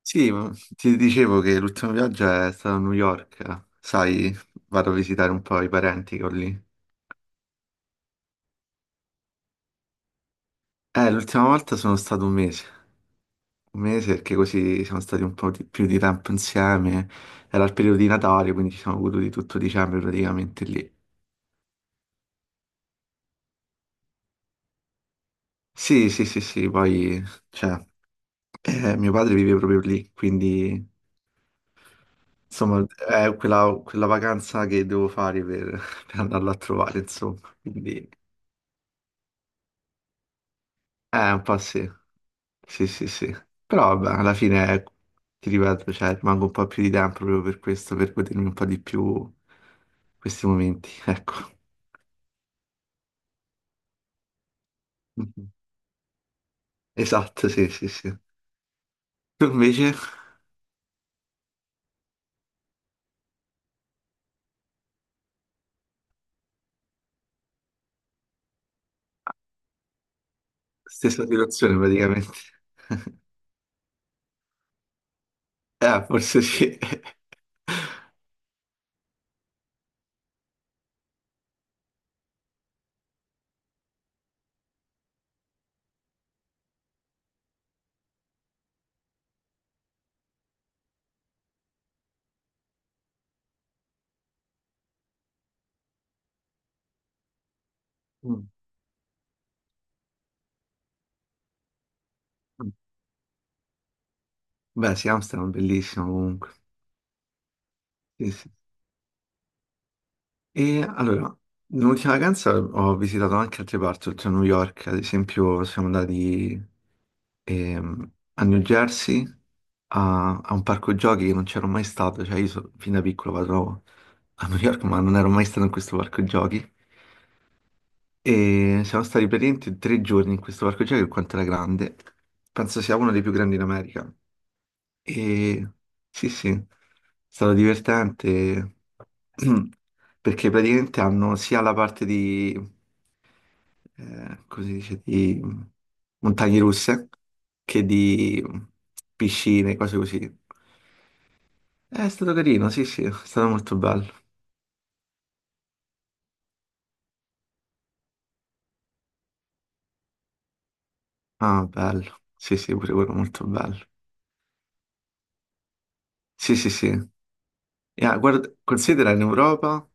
Sì, ma ti dicevo che l'ultimo viaggio è stato a New York, sai, vado a visitare un po' i parenti che ho lì. L'ultima volta sono stato un mese perché così siamo stati più di tempo insieme, era il periodo di Natale, quindi ci siamo goduti tutto dicembre praticamente lì. Sì, sì, sì, sì, poi, cioè, mio padre vive proprio lì, quindi, insomma, è quella vacanza che devo fare per, per andarlo a trovare, insomma, quindi, un po' sì. Sì, sì, sì. Però vabbè, alla fine, ti ripeto, cioè, rimango un po' più di tempo proprio per questo, per godermi un po' di più questi momenti, ecco. Mhm. Esatto, sì, sì, sì. Tu invece, stessa situazione praticamente. Forse sì. Mm. Beh, sì, Amsterdam, bellissimo comunque. Sì, sì. E allora, nell'ultima vacanza ho visitato anche altre parti, oltre a New York, ad esempio siamo andati a New Jersey a un parco giochi che non c'ero mai stato, cioè fin da piccolo vado a New York ma non ero mai stato in questo parco giochi e siamo stati praticamente 3 giorni in questo parco giochi per quanto era grande, penso sia uno dei più grandi in America e sì, sì, è stato divertente perché praticamente hanno sia la parte di, come si dice, di montagne russe che di piscine, cose così. È stato carino, sì, sì, è stato molto bello. Ah, bello. Sì, sì, pure quello molto bello. Sì, sì, sì. E, ah, guarda, considera in Europa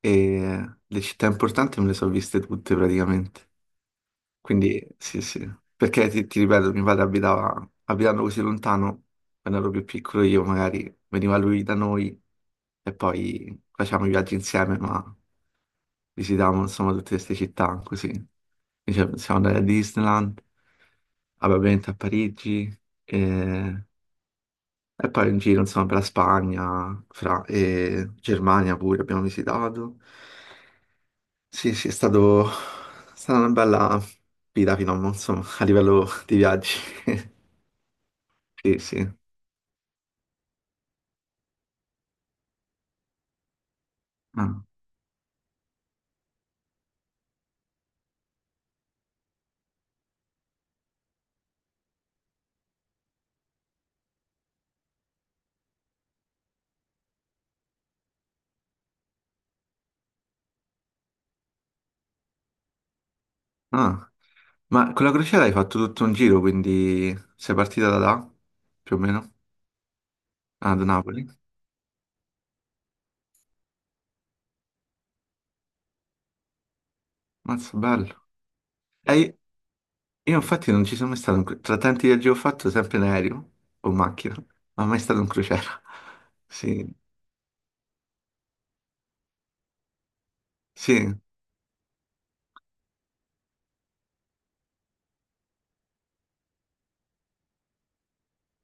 e le città importanti me le sono viste tutte praticamente. Quindi sì, sì, perché ti ripeto, mio padre abitando così lontano, quando ero più piccolo io magari veniva lui da noi e poi facevamo i viaggi insieme, ma visitavamo insomma tutte queste città così. Dicevo, siamo andati a Disneyland, vabbè, ovviamente a Parigi e, e poi in giro insomma per la e Germania pure abbiamo visitato. Sì, sì, è stata una bella vita fino a, mo, insomma, a livello di viaggi. Sì, sì. Ah, ah. Ma con la crociera hai fatto tutto un giro, quindi sei partita da là, più o meno? Ah, da Napoli. Mazza, bello. E io infatti non ci sono mai stato, tra tanti viaggi che ho fatto, sempre in aereo o in macchina, ma mai stato in crociera. Sì, sì.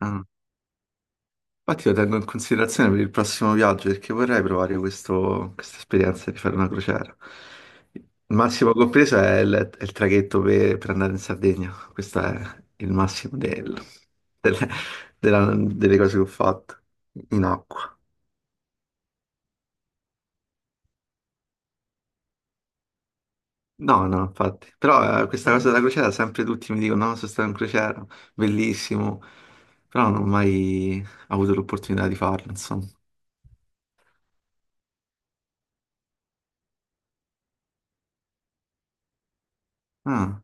Ah. Infatti lo tengo in considerazione per il prossimo viaggio perché vorrei provare questa esperienza di fare una crociera. Il massimo che ho preso è il traghetto per andare in Sardegna. Questo è il massimo delle, delle cose che ho fatto in acqua. No, no, infatti. Però questa cosa della crociera, sempre tutti mi dicono, no, sono stato in crociera, bellissimo. Però non ho mai avuto l'opportunità di farlo, insomma. Ah.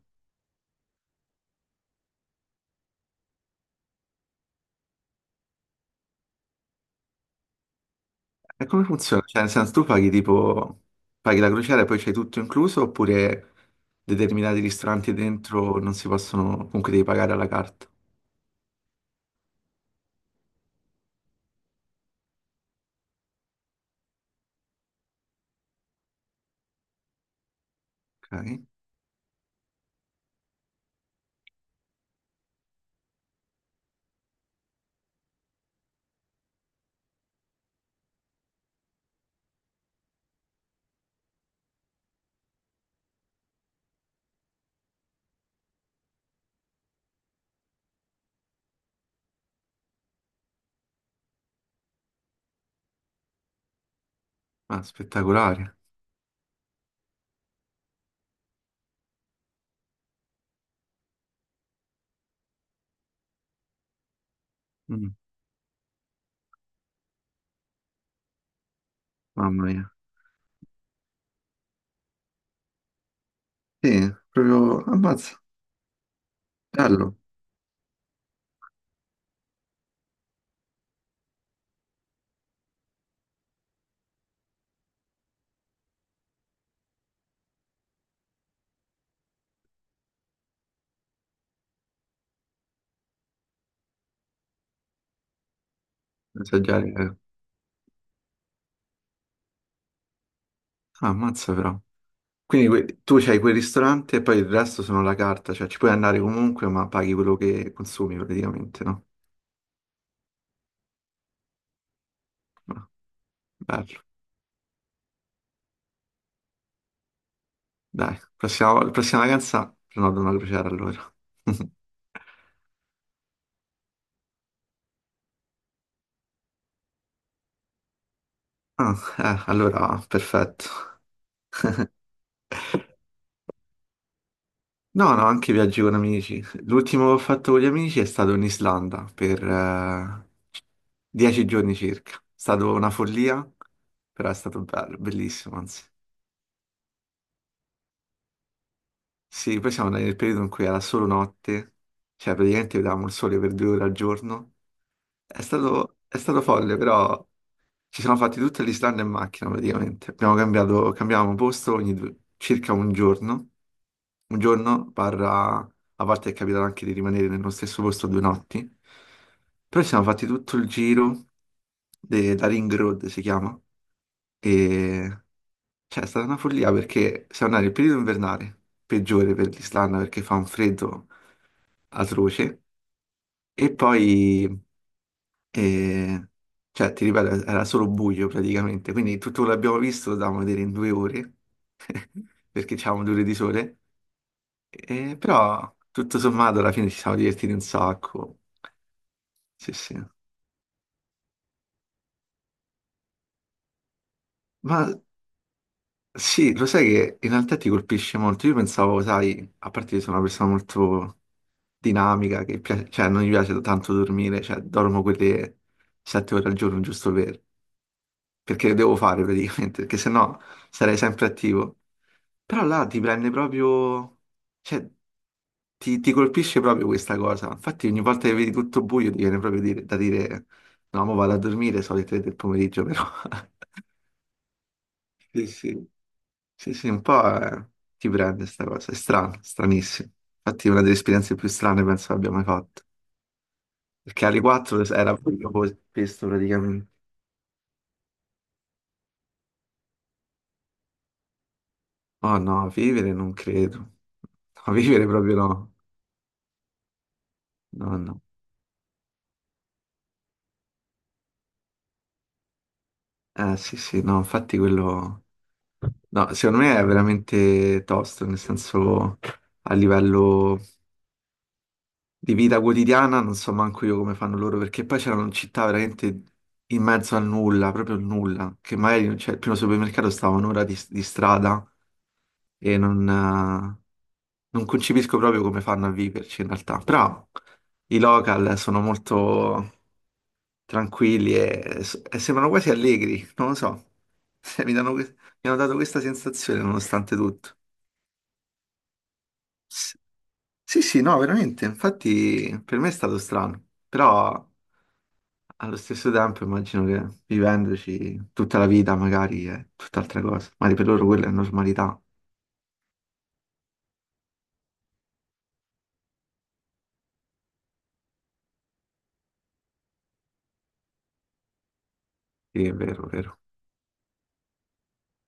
E come funziona? Cioè, nel senso, tu paghi tipo, paghi la crociera e poi c'hai tutto incluso, oppure determinati ristoranti dentro non si possono, comunque devi pagare alla carta. Ok? Ah, spettacolare. Mm, mamma mia. Sì, proprio, ammazza. Bello. Assaggiare, eh. Ah, ammazza però. Quindi tu c'hai quel ristorante e poi il resto sono la carta, cioè ci puoi andare comunque, ma paghi quello che consumi praticamente, no? Ah, bello. Dai, prossima vacanza prenoto una crociera allora. Ah, allora, perfetto. No, no, anche viaggi con amici. L'ultimo che ho fatto con gli amici è stato in Islanda per 10 giorni circa. È stata una follia, però è stato bello, bellissimo, anzi. Sì, poi siamo andati nel periodo in cui era solo notte, cioè praticamente vedevamo il sole per 2 ore al giorno. È stato folle, però ci siamo fatti tutta l'Islanda in macchina praticamente. Cambiavamo posto ogni circa un giorno. Un giorno Parra, a volte è capitato anche di rimanere nello stesso posto 2 notti, però ci siamo fatti tutto il giro da Ring Road, si chiama, e cioè, è stata una follia perché siamo andati nel periodo invernale, peggiore per l'Islanda perché fa un freddo atroce, e poi, eh, cioè, ti ripeto, era solo buio praticamente, quindi tutto quello che abbiamo visto lo dovevamo vedere in 2 ore, perché c'avevamo 2 ore di sole. E però tutto sommato alla fine ci siamo divertiti un sacco. Sì, sì. Ma sì, lo sai che in realtà ti colpisce molto. Io pensavo, sai, a parte che sono una persona molto dinamica, cioè non mi piace tanto dormire, cioè dormo quelle 7 ore al giorno giusto perché devo fare praticamente, perché sennò sarei sempre attivo. Però là ti prende proprio, cioè ti colpisce proprio questa cosa. Infatti, ogni volta che vedi tutto buio, ti viene proprio da dire: no, mo vado a dormire, sono le 3 del pomeriggio, però. Sì, sì, sì, sì, un po', ti prende questa cosa. È strano, stranissimo. Infatti, è una delle esperienze più strane penso abbia mai fatto. Perché alle 4 era proprio così, questo praticamente. Oh no, vivere non credo. No, vivere proprio no. No, no. Eh sì, sì, no, infatti quello. No, secondo me è veramente tosto, nel senso a livello di vita quotidiana non so manco io come fanno loro, perché poi c'erano città veramente in mezzo al nulla, proprio il nulla, che magari cioè, il primo supermercato stava un'ora di strada e non, non concepisco proprio come fanno a viverci in realtà, però i local sono molto tranquilli e sembrano quasi allegri, non lo so, mi danno que- mi hanno dato questa sensazione nonostante tutto. S- Sì, sì, no, veramente. Infatti per me è stato strano, però allo stesso tempo immagino che vivendoci tutta la vita magari è tutt'altra cosa, magari per loro quella è normalità. Sì, è vero, vero.